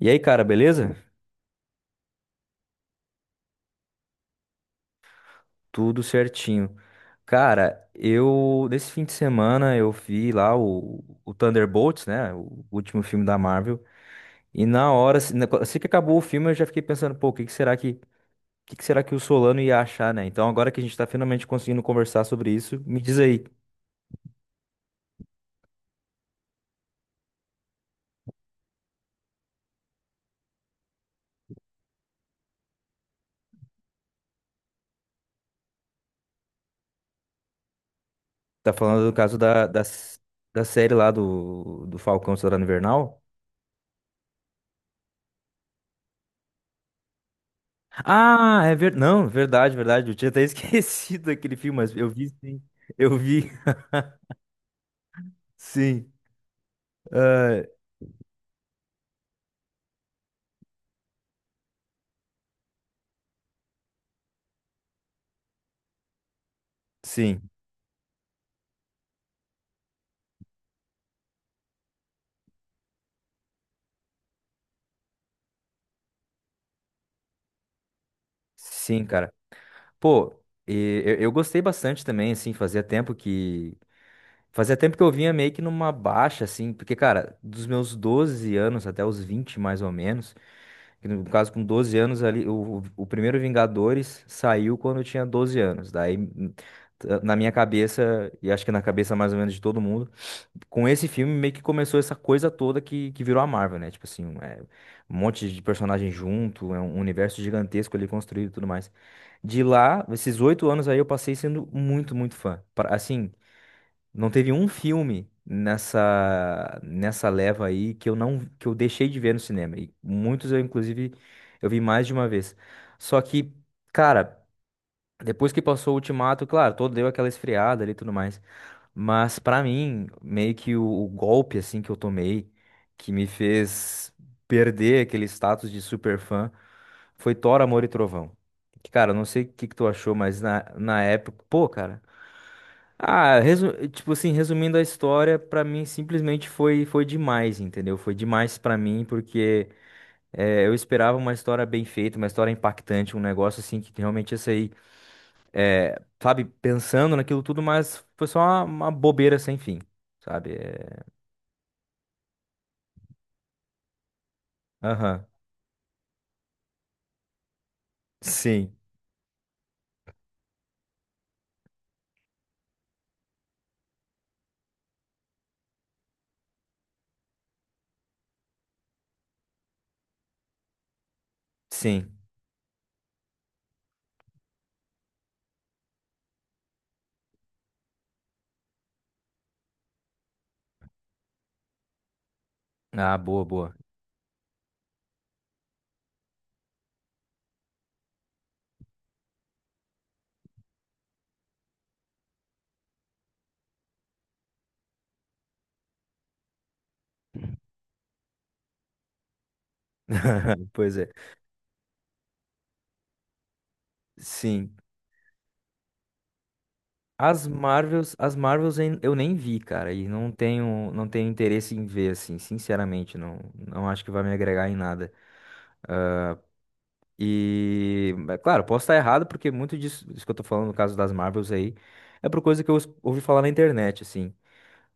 E aí, cara, beleza? Tudo certinho. Cara, eu nesse fim de semana eu vi lá o Thunderbolts, né? O último filme da Marvel. E na hora, assim que acabou o filme, eu já fiquei pensando, pô, o que que será que o Solano ia achar, né? Então agora que a gente tá finalmente conseguindo conversar sobre isso, me diz aí. Tá falando do caso da série lá do Falcão Soldado Invernal? Ah, é verdade. Não, verdade, verdade. Eu tinha até esquecido aquele filme, mas eu vi sim. Eu vi. Sim. Ah, sim, sim, cara. Pô, e eu gostei bastante também, assim, fazia tempo que eu vinha meio que numa baixa, assim, porque, cara, dos meus 12 anos até os 20 mais ou menos, que no caso, com 12 anos ali, o primeiro Vingadores saiu quando eu tinha 12 anos. Daí, na minha cabeça, e acho que na cabeça mais ou menos de todo mundo, com esse filme meio que começou essa coisa toda que virou a Marvel, né? Tipo assim, um monte de personagem junto, é um universo gigantesco ali construído e tudo mais. De lá, esses 8 anos aí eu passei sendo muito, muito fã. Assim, não teve um filme nessa leva aí que eu não que eu deixei de ver no cinema. E muitos eu inclusive eu vi mais de uma vez. Só que, cara, depois que passou o Ultimato, claro, todo deu aquela esfriada ali e tudo mais. Mas pra mim, meio que o golpe assim que eu tomei, que me fez perder aquele status de superfã, foi Thor, Amor e Trovão. Que, cara, eu não sei o que que tu achou, mas na época, pô, cara. Ah, tipo assim, resumindo a história, pra mim simplesmente foi demais, entendeu? Foi demais pra mim porque eu esperava uma história bem feita, uma história impactante, um negócio assim que realmente ia sair é, sabe, pensando naquilo tudo, mas foi só uma bobeira sem fim, sabe? É, aham. Sim, sim. Ah, boa, boa. Pois é. Sim. As Marvels, eu nem vi, cara, e não tenho interesse em ver, assim, sinceramente, não, não acho que vai me agregar em nada. E, é claro, posso estar errado, porque muito disso que eu tô falando no caso das Marvels aí, é por coisa que eu ouvi falar na internet, assim.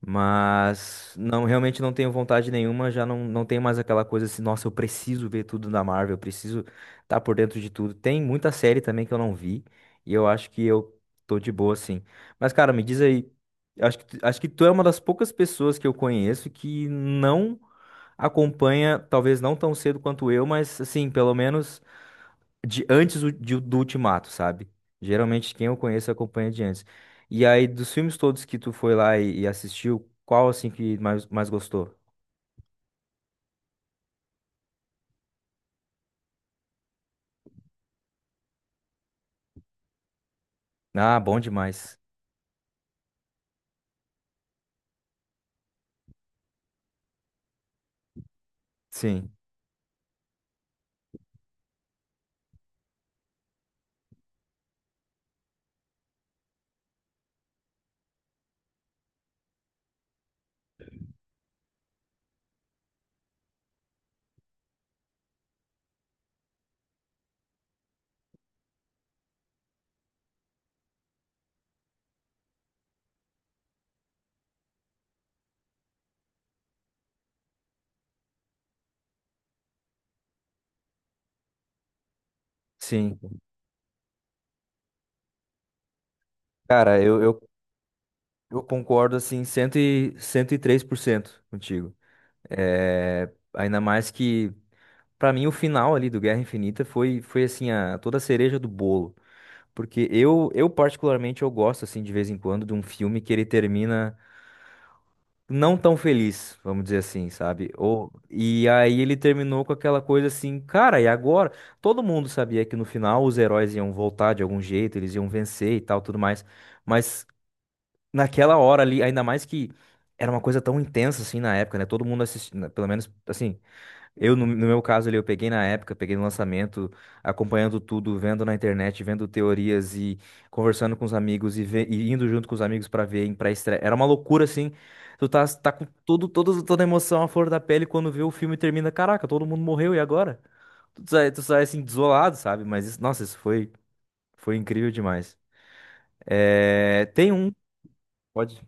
Mas não, realmente não tenho vontade nenhuma, já não, não tenho mais aquela coisa assim, nossa, eu preciso ver tudo da Marvel, eu preciso estar por dentro de tudo. Tem muita série também que eu não vi, e eu acho que eu tô de boa assim. Mas cara, me diz aí, acho que, acho que tu é uma das poucas pessoas que eu conheço que não acompanha, talvez não tão cedo quanto eu, mas assim, pelo menos de antes do Ultimato, sabe? Geralmente quem eu conheço acompanha de antes. E aí, dos filmes todos que tu foi lá e assistiu, qual assim que mais gostou? Ah, bom demais. Sim, sim. Cara, eu concordo assim 103% contigo. É, ainda mais que, pra mim, o final ali do Guerra Infinita foi assim, toda a cereja do bolo. Porque eu particularmente, eu gosto, assim, de vez em quando, de um filme que ele termina. Não tão feliz, vamos dizer assim, sabe? Ou, e aí ele terminou com aquela coisa assim, cara, e agora? Todo mundo sabia que no final os heróis iam voltar de algum jeito, eles iam vencer e tal, tudo mais. Mas naquela hora ali, ainda mais que era uma coisa tão intensa assim na época, né? Todo mundo assistindo, pelo menos assim, eu, no meu caso ali, eu peguei na época, peguei no lançamento, acompanhando tudo, vendo na internet, vendo teorias e conversando com os amigos e indo junto com os amigos pra ver em pré-estreia. Era uma loucura, assim. Tu tá, tá com toda a emoção à flor da pele quando vê o filme e termina. Caraca, todo mundo morreu, e agora? Tu sai assim, desolado, sabe? Mas, isso- nossa, isso foi, foi incrível demais. É, tem um. Pode.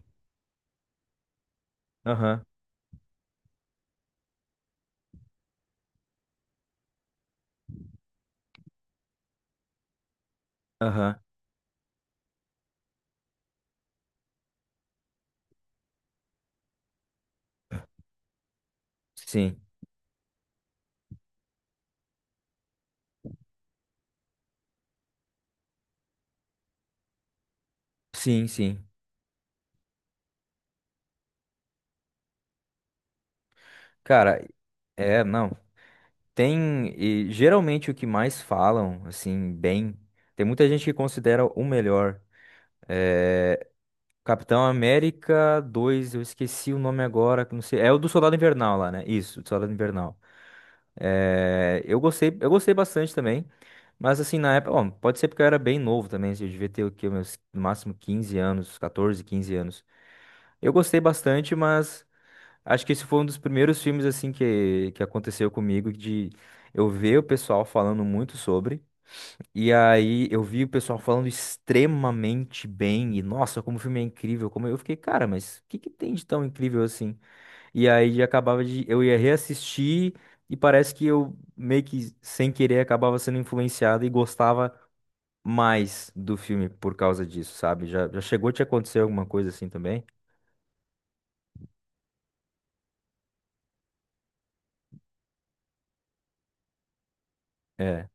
Aham, aham. Sim, sim, sim. Cara, é, não. Tem, e geralmente o que mais falam, assim, bem, tem muita gente que considera o melhor. É, Capitão América 2 eu esqueci o nome agora, que não sei, é o do Soldado Invernal lá, né? Isso, do Soldado Invernal. É, eu gostei bastante também, mas assim, na época, bom, pode ser porque eu era bem novo também, assim, eu devia ter o quê, meus, no máximo 15 anos, 14, 15 anos. Eu gostei bastante, mas acho que esse foi um dos primeiros filmes, assim, que aconteceu comigo de eu ver o pessoal falando muito sobre. E aí eu vi o pessoal falando extremamente bem, e nossa, como o filme é incrível, como eu fiquei, cara, mas o que que tem de tão incrível assim? E aí acabava de, eu ia reassistir e parece que eu meio que sem querer acabava sendo influenciado e gostava mais do filme por causa disso, sabe? Já chegou a te acontecer alguma coisa assim também? É,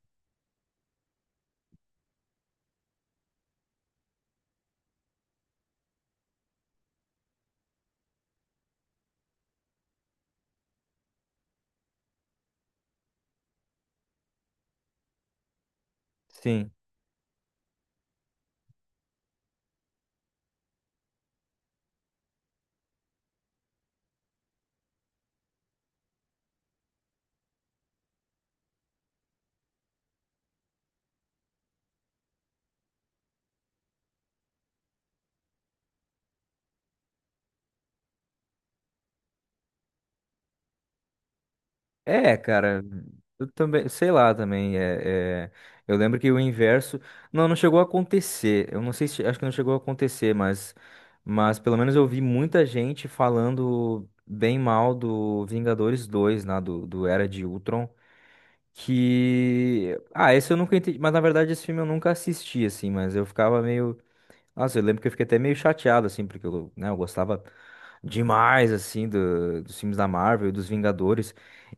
sim. É, cara, eu também, sei lá também, eu lembro que o inverso, não, não chegou a acontecer, eu não sei se, acho que não chegou a acontecer, mas, pelo menos eu vi muita gente falando bem mal do Vingadores 2, né, do Era de Ultron, que, ah, esse eu nunca entendi, mas na verdade esse filme eu nunca assisti, assim, mas eu ficava meio, nossa, eu lembro que eu fiquei até meio chateado, assim, porque eu, né, eu gostava demais, assim, dos filmes da Marvel, e dos Vingadores.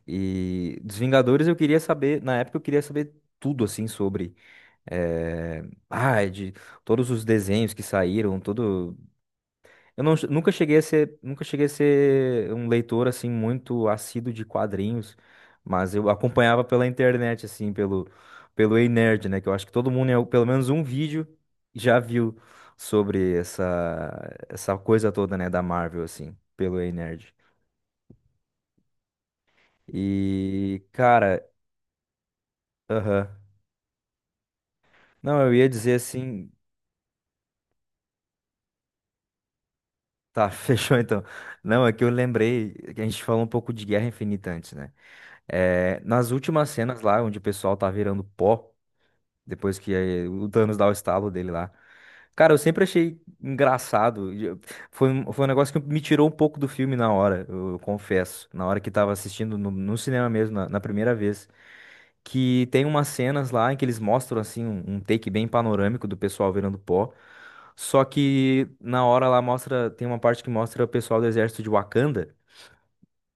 E dos Vingadores eu queria saber, na época eu queria saber tudo, assim, sobre. eh, Ah, de todos os desenhos que saíram, todo. Eu nunca cheguei a ser, um leitor assim muito assíduo de quadrinhos, mas eu acompanhava pela internet assim, pelo Ei Nerd, né, que eu acho que todo mundo pelo menos um vídeo já viu sobre essa coisa toda, né, da Marvel assim, pelo Ei Nerd. E cara, aham. Não, eu ia dizer assim, tá, fechou então. Não, é que eu lembrei que a gente falou um pouco de Guerra Infinita antes, né? É, nas últimas cenas lá, onde o pessoal tá virando pó, depois que o Thanos dá o estalo dele lá. Cara, eu sempre achei engraçado. Foi um negócio que me tirou um pouco do filme na hora, eu confesso. Na hora que tava assistindo no cinema mesmo, na primeira vez. Que tem umas cenas lá em que eles mostram, assim, um take bem panorâmico do pessoal virando pó. Só que na hora lá mostra, tem uma parte que mostra o pessoal do exército de Wakanda.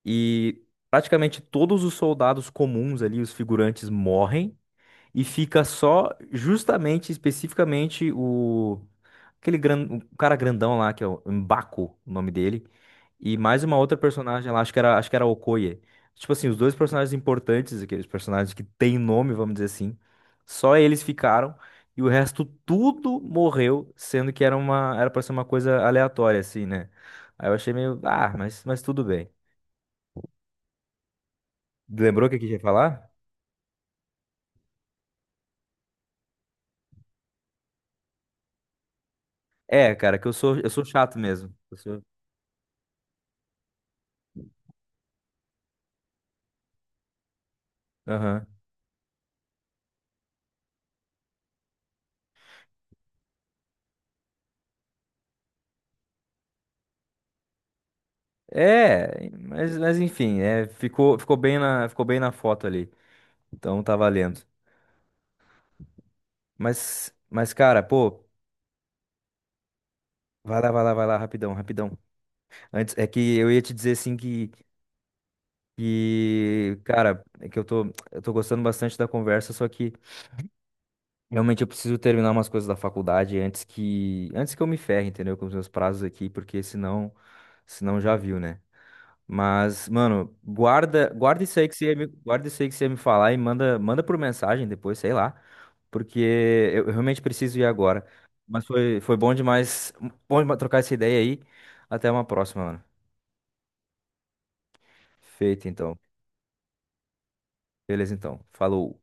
E praticamente todos os soldados comuns ali, os figurantes, morrem e fica só justamente, especificamente, aquele gran... o cara grandão lá, que é o M'Baku, o nome dele, e mais uma outra personagem lá, acho que era a Okoye. Tipo assim, os dois personagens importantes, aqueles personagens que têm nome, vamos dizer assim, só eles ficaram e o resto tudo morreu, sendo que era para ser uma coisa aleatória assim, né? Aí eu achei meio, ah, mas tudo bem. Lembrou o que que eu ia falar? É, cara, que eu sou chato mesmo. Eu sou... Aham. É, mas enfim, ficou bem na foto ali. Então tá valendo. Mas cara, pô, vai lá, vai lá, vai lá, rapidão, rapidão. Antes, é que eu ia te dizer assim que, cara, é que eu tô gostando bastante da conversa, só que realmente eu preciso terminar umas coisas da faculdade antes que eu me ferre, entendeu? Com os meus prazos aqui, porque senão já viu, né? Mas, mano, guarda isso aí que você ia me falar e manda por mensagem depois, sei lá, porque eu realmente preciso ir agora. Mas foi bom demais trocar essa ideia aí. Até uma próxima, mano. Feito, então. Beleza, então. Falou.